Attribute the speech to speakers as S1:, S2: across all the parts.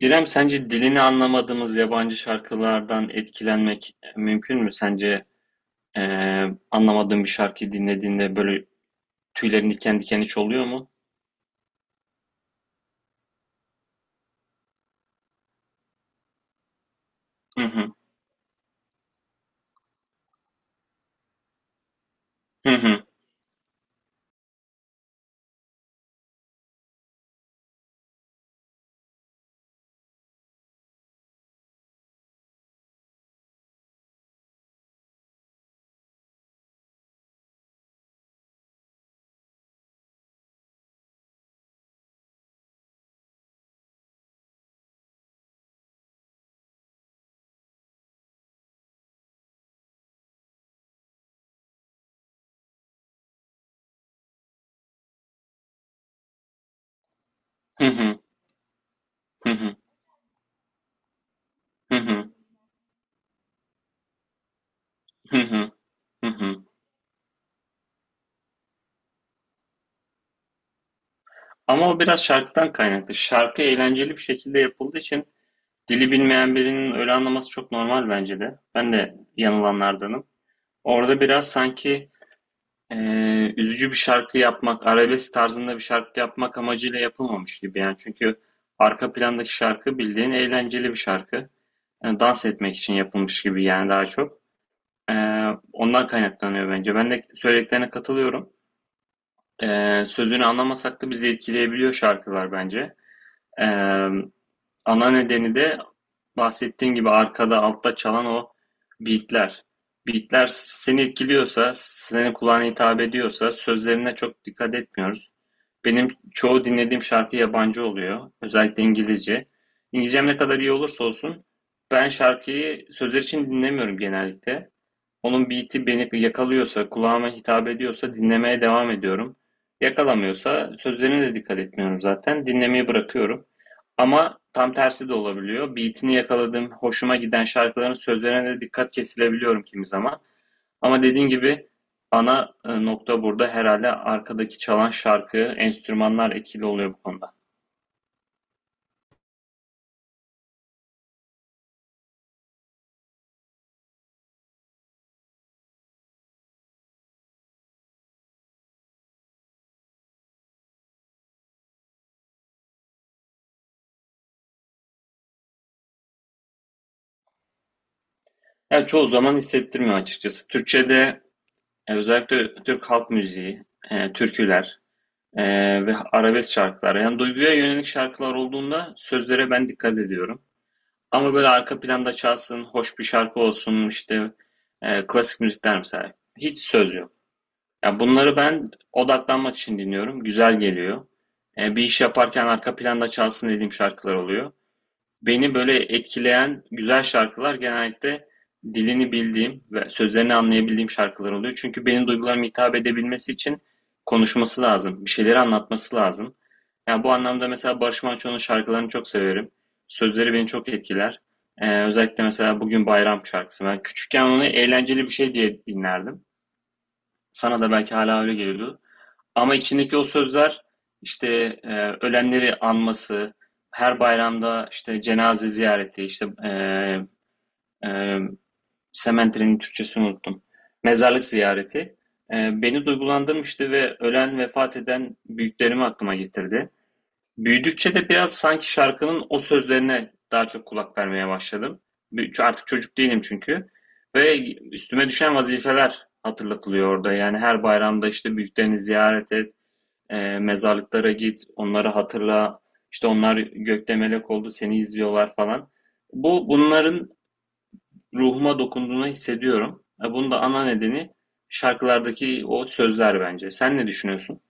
S1: İrem, sence dilini anlamadığımız yabancı şarkılardan etkilenmek mümkün mü? Sence e, anlamadığın bir şarkıyı dinlediğinde böyle tüylerin diken diken hiç oluyor mu? Hı hı, hı hı, hı hı, hı hı, hı hı, hı hı, hı hı. Ama o biraz şarkıdan kaynaklı. Şarkı eğlenceli bir şekilde yapıldığı için dili bilmeyen birinin öyle anlaması çok normal bence de. Ben de yanılanlardanım. Orada biraz sanki üzücü bir şarkı yapmak, arabesk tarzında bir şarkı yapmak amacıyla yapılmamış gibi yani. Çünkü arka plandaki şarkı bildiğin eğlenceli bir şarkı. Yani dans etmek için yapılmış gibi yani daha çok. Ondan kaynaklanıyor bence. Ben de söylediklerine katılıyorum. Sözünü anlamasak da bizi etkileyebiliyor şarkılar bence. Eee, Ana nedeni de bahsettiğim gibi arkada, altta çalan o beatler. Beatler seni etkiliyorsa, senin kulağına hitap ediyorsa sözlerine çok dikkat etmiyoruz. Benim çoğu dinlediğim şarkı yabancı oluyor. Özellikle İngilizce. İngilizcem ne kadar iyi olursa olsun ben şarkıyı sözler için dinlemiyorum genellikle. Onun beat'i beni yakalıyorsa, kulağıma hitap ediyorsa dinlemeye devam ediyorum. Yakalamıyorsa sözlerine de dikkat etmiyorum zaten. Dinlemeyi bırakıyorum. Ama tam tersi de olabiliyor. Beat'ini yakaladığım, hoşuma giden şarkıların sözlerine de dikkat kesilebiliyorum kimi zaman. Ama dediğin gibi ana nokta burada herhalde arkadaki çalan şarkı, enstrümanlar etkili oluyor bu konuda. Yani çoğu zaman hissettirmiyor açıkçası. Türkçe'de özellikle Türk halk müziği, türküler, ve arabesk şarkılar. Yani duyguya yönelik şarkılar olduğunda sözlere ben dikkat ediyorum. Ama böyle arka planda çalsın, hoş bir şarkı olsun işte klasik müzikler mesela. Hiç söz yok. Ya bunları ben odaklanmak için dinliyorum. Güzel geliyor. E, bir iş yaparken arka planda çalsın dediğim şarkılar oluyor. Beni böyle etkileyen güzel şarkılar genellikle dilini bildiğim ve sözlerini anlayabildiğim şarkılar oluyor. Çünkü benim duygularıma hitap edebilmesi için konuşması lazım, bir şeyleri anlatması lazım. Yani bu anlamda mesela Barış Manço'nun şarkılarını çok severim. Sözleri beni çok etkiler. Özellikle mesela Bugün Bayram şarkısı. Ben küçükken onu eğlenceli bir şey diye dinlerdim. Sana da belki hala öyle geliyordu. Ama içindeki o sözler işte ölenleri anması, her bayramda işte cenaze ziyareti, işte e, sementerinin Türkçesini unuttum. Mezarlık ziyareti beni duygulandırmıştı ve ölen vefat eden büyüklerimi aklıma getirdi. Büyüdükçe de biraz sanki şarkının o sözlerine daha çok kulak vermeye başladım. Artık çocuk değilim çünkü. Ve üstüme düşen vazifeler hatırlatılıyor orada. Yani her bayramda işte büyüklerini ziyaret et, mezarlıklara git, onları hatırla. İşte onlar gökte melek oldu, seni izliyorlar falan. Bu bunların ruhuma dokunduğunu hissediyorum. Bunun da ana nedeni şarkılardaki o sözler bence. Sen ne düşünüyorsun?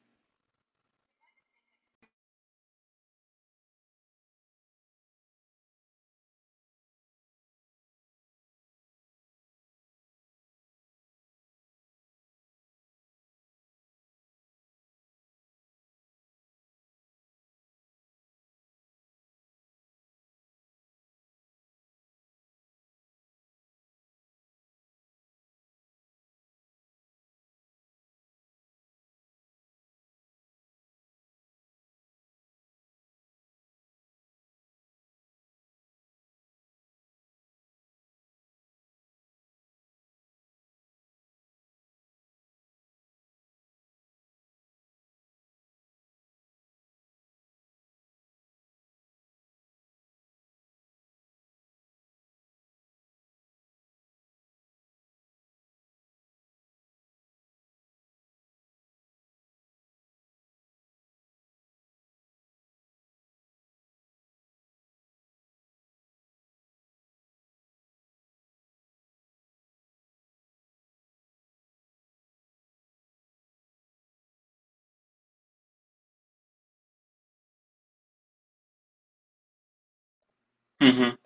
S1: Hı hı.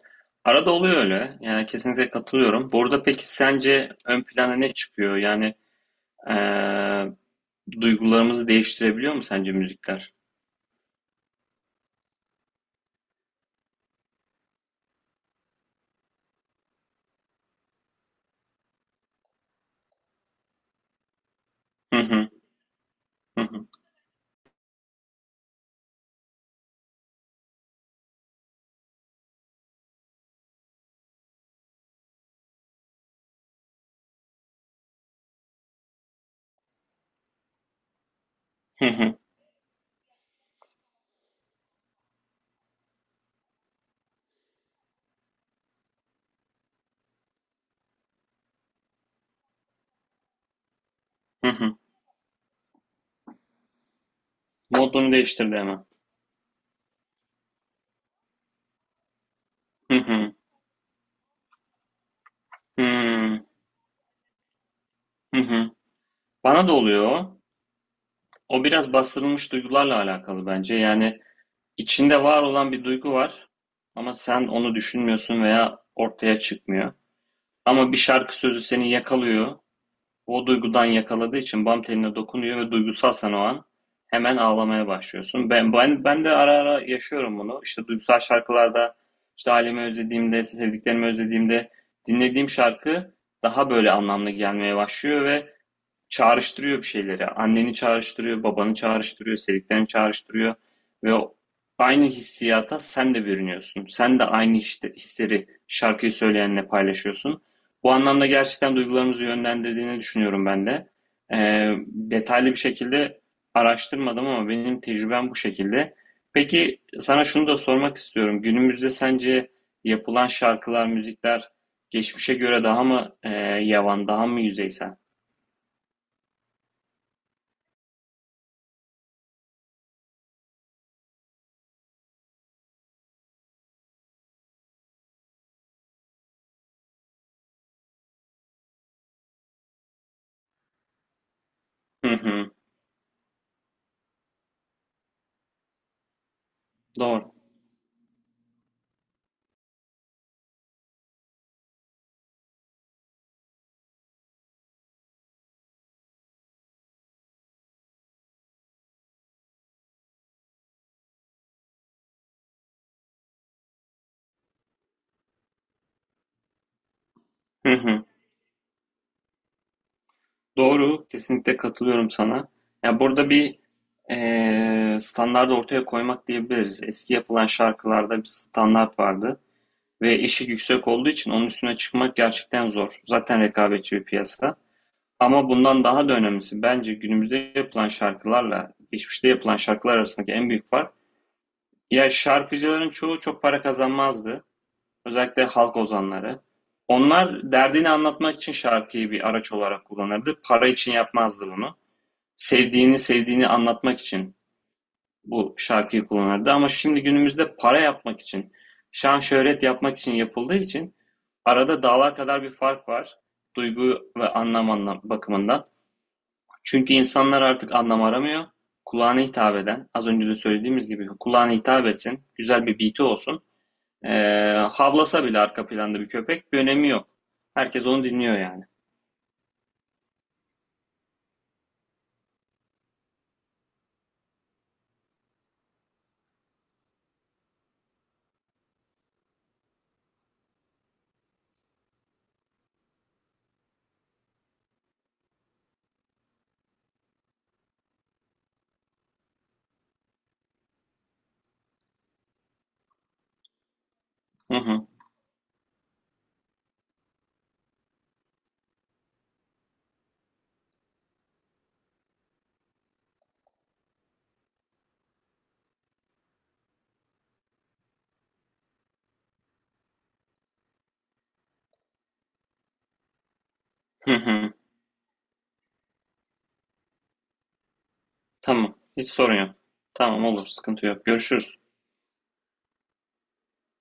S1: Arada oluyor öyle. Yani kesinlikle katılıyorum. Burada peki sence ön plana ne çıkıyor? Yani e, duygularımızı değiştirebiliyor mu sence müzikler? Hı hı. Hı hı. Hı hı. Hı hı. Modunu değiştirdi hemen. Hı hı. Hı hı. Hı hı. Bana da oluyor o. O biraz bastırılmış duygularla alakalı bence. Yani içinde var olan bir duygu var ama sen onu düşünmüyorsun veya ortaya çıkmıyor. Ama bir şarkı sözü seni yakalıyor. O duygudan yakaladığı için bam teline dokunuyor ve duygusalsan o an hemen ağlamaya başlıyorsun. Ben de ara ara yaşıyorum bunu. İşte duygusal şarkılarda işte ailemi özlediğimde, sevdiklerimi özlediğimde dinlediğim şarkı daha böyle anlamlı gelmeye başlıyor ve çağrıştırıyor bir şeyleri. Anneni çağrıştırıyor, babanı çağrıştırıyor, sevdiklerini çağrıştırıyor ve aynı hissiyata sen de bürünüyorsun. Sen de aynı işte, hisleri şarkıyı söyleyenle paylaşıyorsun. Bu anlamda gerçekten duygularımızı yönlendirdiğini düşünüyorum ben de. Detaylı bir şekilde araştırmadım ama benim tecrübem bu şekilde. Peki sana şunu da sormak istiyorum. Günümüzde sence yapılan şarkılar, müzikler geçmişe göre daha mı yavan, daha mı yüzeysel? Hı hı. Doğru. Hı hı. Doğru. Kesinlikle katılıyorum sana. Ya burada bir standart ortaya koymak diyebiliriz. Eski yapılan şarkılarda bir standart vardı ve eşik yüksek olduğu için onun üstüne çıkmak gerçekten zor. Zaten rekabetçi bir piyasa. Ama bundan daha da önemlisi bence günümüzde yapılan şarkılarla geçmişte yapılan şarkılar arasındaki en büyük fark. Ya şarkıcıların çoğu çok para kazanmazdı. Özellikle halk ozanları. Onlar derdini anlatmak için şarkıyı bir araç olarak kullanırdı. Para için yapmazdı bunu. Sevdiğini anlatmak için bu şarkıyı kullanırdı. Ama şimdi günümüzde para yapmak için, şan şöhret yapmak için yapıldığı için arada dağlar kadar bir fark var. Duygu ve anlam bakımından. Çünkü insanlar artık anlam aramıyor. Kulağına hitap eden, az önce de söylediğimiz gibi kulağına hitap etsin, güzel bir beat'i olsun, havlasa bile arka planda bir köpek bir önemi yok. Herkes onu dinliyor yani. Hı hı. Hı hı. Tamam. Hiç sorun yok. Tamam olur. Sıkıntı yok. Görüşürüz.